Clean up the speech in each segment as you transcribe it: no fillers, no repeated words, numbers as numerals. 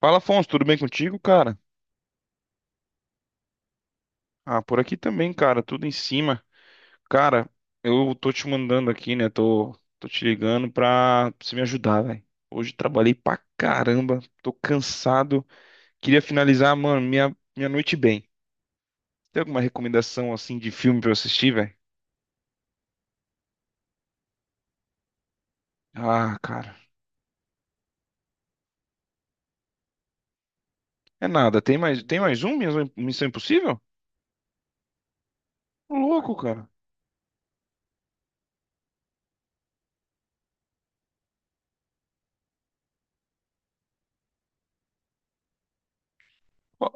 Fala, Afonso, tudo bem contigo, cara? Ah, por aqui também, cara, tudo em cima. Cara, eu tô te mandando aqui, né? Tô te ligando pra você me ajudar, velho. Hoje trabalhei pra caramba, tô cansado. Queria finalizar, mano, minha noite bem. Tem alguma recomendação, assim, de filme pra eu assistir, velho? Ah, cara, é nada. Tem mais um? Minha Missão Impossível? Ô, Louco, cara. Qual,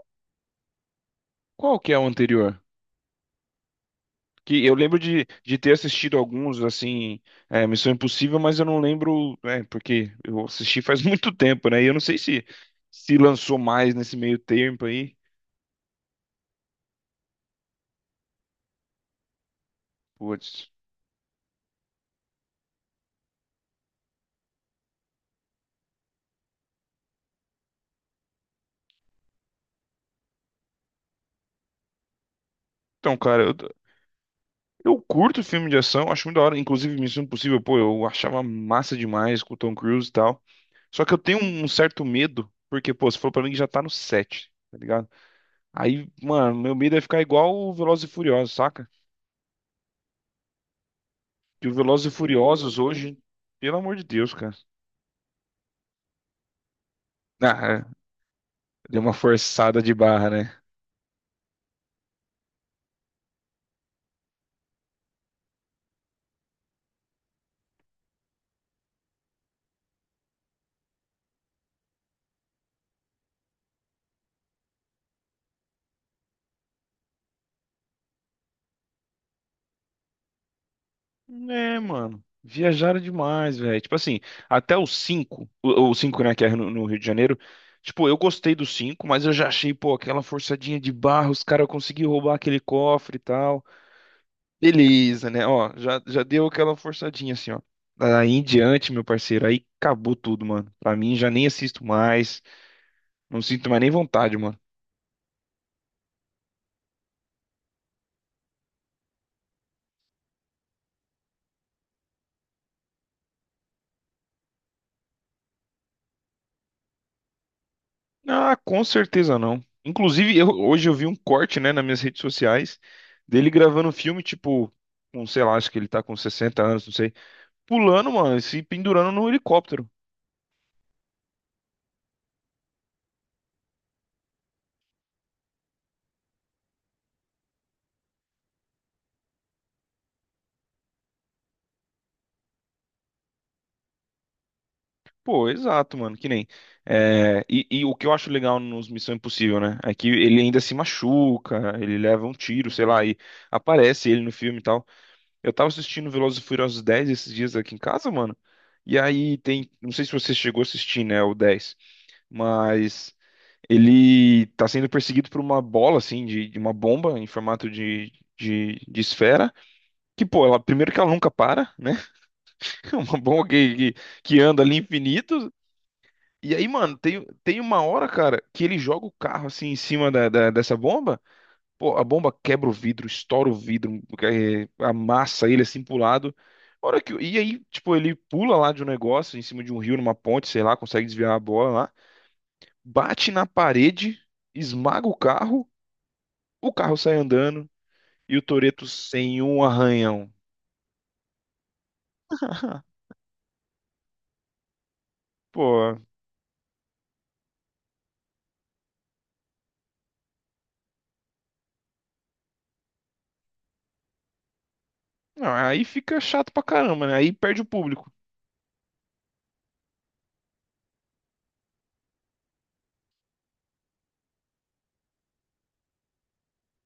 qual que é o anterior? Que eu lembro de ter assistido alguns, assim, é, Missão Impossível, mas eu não lembro, é, porque eu assisti faz muito tempo, né? E eu não sei se se lançou mais nesse meio tempo aí. Putz. Então, cara, eu, eu curto filme de ação, acho muito da hora. Inclusive, Missão Impossível, pô, eu achava massa demais com o Tom Cruise e tal. Só que eu tenho um certo medo, porque, pô, você falou pra mim que já tá no 7, tá ligado? Aí, mano, meu medo é ficar igual o Velozes e Furiosos, saca? Que o Velozes e Furiosos hoje, pelo amor de Deus, cara. Ah, é. Deu uma forçada de barra, né? É, mano. Viajaram demais, velho. Tipo assim, até o 5, o 5, né, que é no, no Rio de Janeiro. Tipo, eu gostei do 5, mas eu já achei, pô, aquela forçadinha de barra, os caras conseguiram roubar aquele cofre e tal. Beleza, né? Ó, já deu aquela forçadinha assim, ó. Aí em diante, meu parceiro, aí acabou tudo, mano. Pra mim, já nem assisto mais. Não sinto mais nem vontade, mano. Ah, com certeza não. Inclusive, hoje eu vi um corte, né, nas minhas redes sociais dele gravando um filme, tipo, com, sei lá, acho que ele tá com 60 anos, não sei, pulando, mano, e se pendurando no helicóptero. Pô, exato, mano, que nem. É, e o que eu acho legal nos Missão Impossível, né, é que ele ainda se machuca, ele leva um tiro, sei lá, e aparece ele no filme e tal. Eu tava assistindo Velozes e Furiosos 10 esses dias aqui em casa, mano, e aí tem, não sei se você chegou a assistir, né, o 10 mas. Ele tá sendo perseguido por uma bola, assim, de uma bomba em formato de esfera. Que, pô, ela, primeiro que ela nunca para, né? É uma bomba que anda ali infinito. E aí, mano, tem, tem uma hora, cara, que ele joga o carro, assim, em cima dessa bomba. Pô, a bomba quebra o vidro, estoura o vidro, é, amassa ele, assim, pro lado. A hora que, e aí, tipo, ele pula lá de um negócio, em cima de um rio, numa ponte, sei lá, consegue desviar a bola lá. Bate na parede, esmaga o carro. O carro sai andando e o Toretto sem um arranhão. Pô, não, aí fica chato pra caramba, né? Aí perde o público.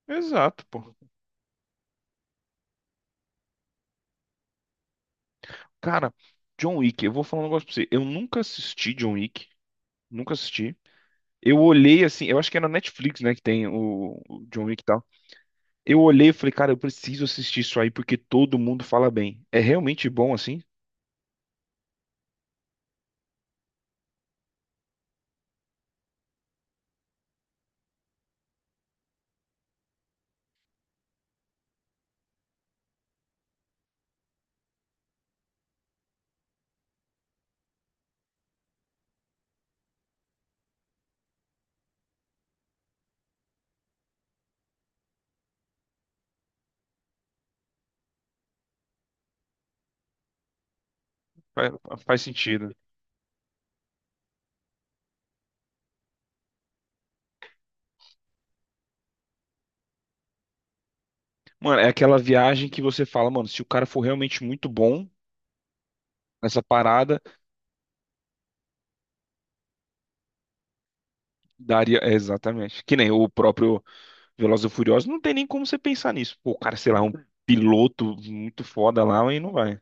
Exato, pô. Cara, John Wick, eu vou falar um negócio pra você. Eu nunca assisti John Wick. Nunca assisti. Eu olhei assim, eu acho que é na Netflix, né, que tem o John Wick e tal. Eu olhei e falei, cara, eu preciso assistir isso aí porque todo mundo fala bem. É realmente bom assim? Faz, faz sentido. Mano, é aquela viagem que você fala, mano, se o cara for realmente muito bom nessa parada, daria, é, exatamente. Que nem o próprio Velozes e Furiosos, não tem nem como você pensar nisso. Pô, o cara, sei lá, um piloto muito foda lá e não vai.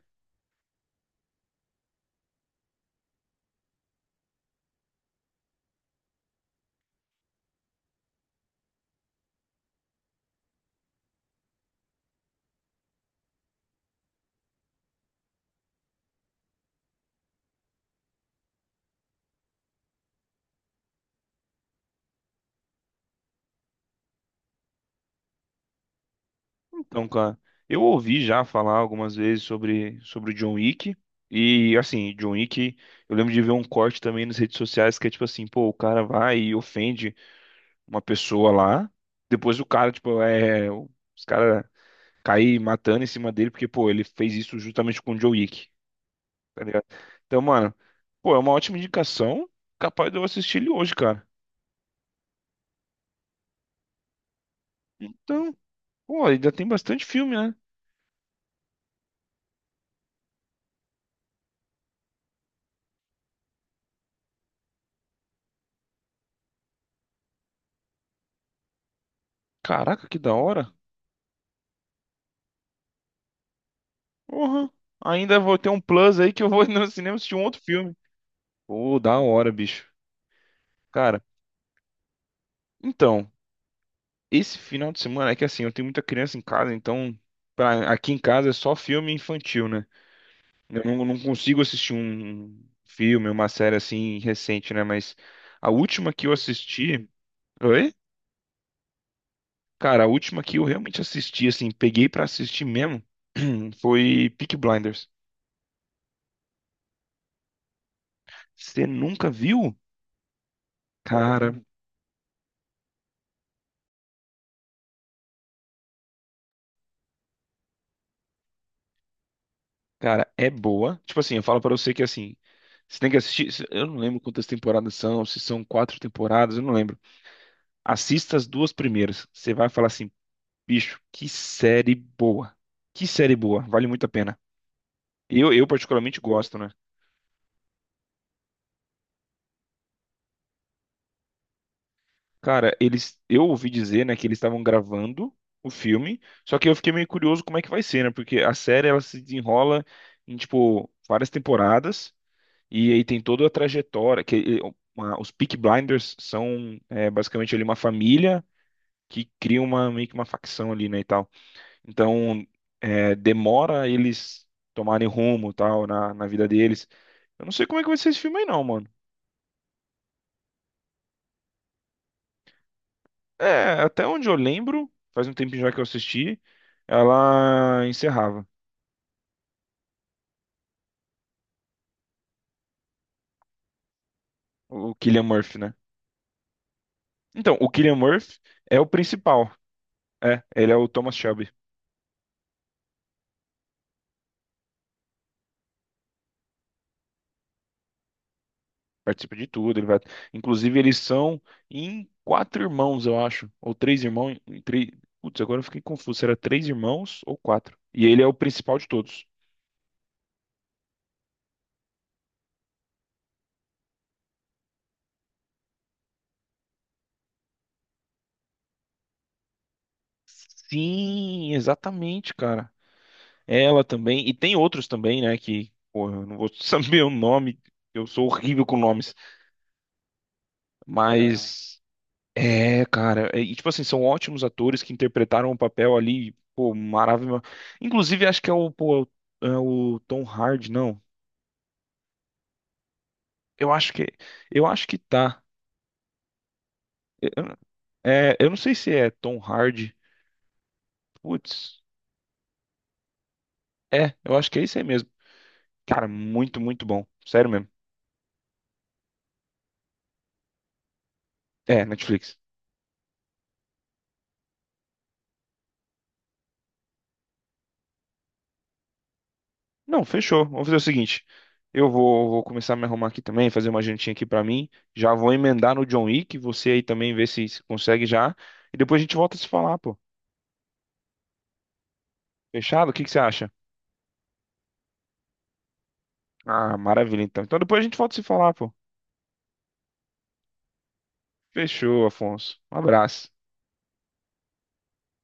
Então, cara, eu ouvi já falar algumas vezes sobre o John Wick. E, assim, John Wick, eu lembro de ver um corte também nas redes sociais que é tipo assim, pô, o cara vai e ofende uma pessoa lá. Depois o cara, tipo, é. Os caras caem matando em cima dele porque, pô, ele fez isso justamente com o John Wick. Tá ligado? Então, mano, pô, é uma ótima indicação. Capaz de eu assistir ele hoje, cara. Então, pô, ainda tem bastante filme, né? Caraca, que da hora. Porra. Ainda vou ter um plus aí que eu vou no cinema assistir um outro filme. Pô, da hora, bicho. Cara, então, esse final de semana é que assim, eu tenho muita criança em casa, então aqui em casa é só filme infantil, né? Eu não, não consigo assistir um filme, uma série assim recente, né? Mas a última que eu assisti. Oi? Cara, a última que eu realmente assisti, assim, peguei pra assistir mesmo, foi Peaky Blinders. Você nunca viu? Cara, cara, é boa. Tipo assim, eu falo pra você que assim, você tem que assistir. Eu não lembro quantas temporadas são, se são quatro temporadas, eu não lembro. Assista as duas primeiras. Você vai falar assim, bicho, que série boa. Que série boa, vale muito a pena. Eu particularmente gosto, né? Cara, eles, eu ouvi dizer, né, que eles estavam gravando o filme, só que eu fiquei meio curioso como é que vai ser, né? Porque a série ela se desenrola em tipo várias temporadas e aí tem toda a trajetória que os Peaky Blinders são basicamente ali uma família que cria uma meio que uma facção ali, né, e tal. Então, demora eles tomarem rumo, tal, na, na vida deles. Eu não sei como é que vai ser esse filme aí não, mano. É, até onde eu lembro, faz um tempinho já que eu assisti, ela encerrava. O Cillian Murphy, né? Então, o Cillian Murphy é o principal. É, ele é o Thomas Shelby. Participa de tudo, ele vai. Inclusive, eles são em quatro irmãos, eu acho. Ou três irmãos. Em três... Putz, agora eu fiquei confuso. Será três irmãos ou quatro? E ele é o principal de todos. Sim, exatamente, cara. Ela também. E tem outros também, né? Que, porra, eu não vou saber o nome. Eu sou horrível com nomes. Mas é, cara, e tipo assim, são ótimos atores que interpretaram o papel ali, pô, maravilhoso. Inclusive, acho que é o, pô, é o Tom Hardy, não. Eu acho que eu acho que tá. Eu- É, eu não sei se é Tom Hardy. Putz, é, eu acho que é isso aí mesmo. Cara, muito, muito bom. Sério mesmo. É, Netflix. Não, fechou. Vamos fazer o seguinte. Eu vou, vou começar a me arrumar aqui também, fazer uma jantinha aqui pra mim. Já vou emendar no John Wick, você aí também vê se consegue já. E depois a gente volta a se falar, pô. Fechado? O que que você acha? Ah, maravilha então. Então depois a gente volta a se falar, pô. Fechou, Afonso. Um abraço.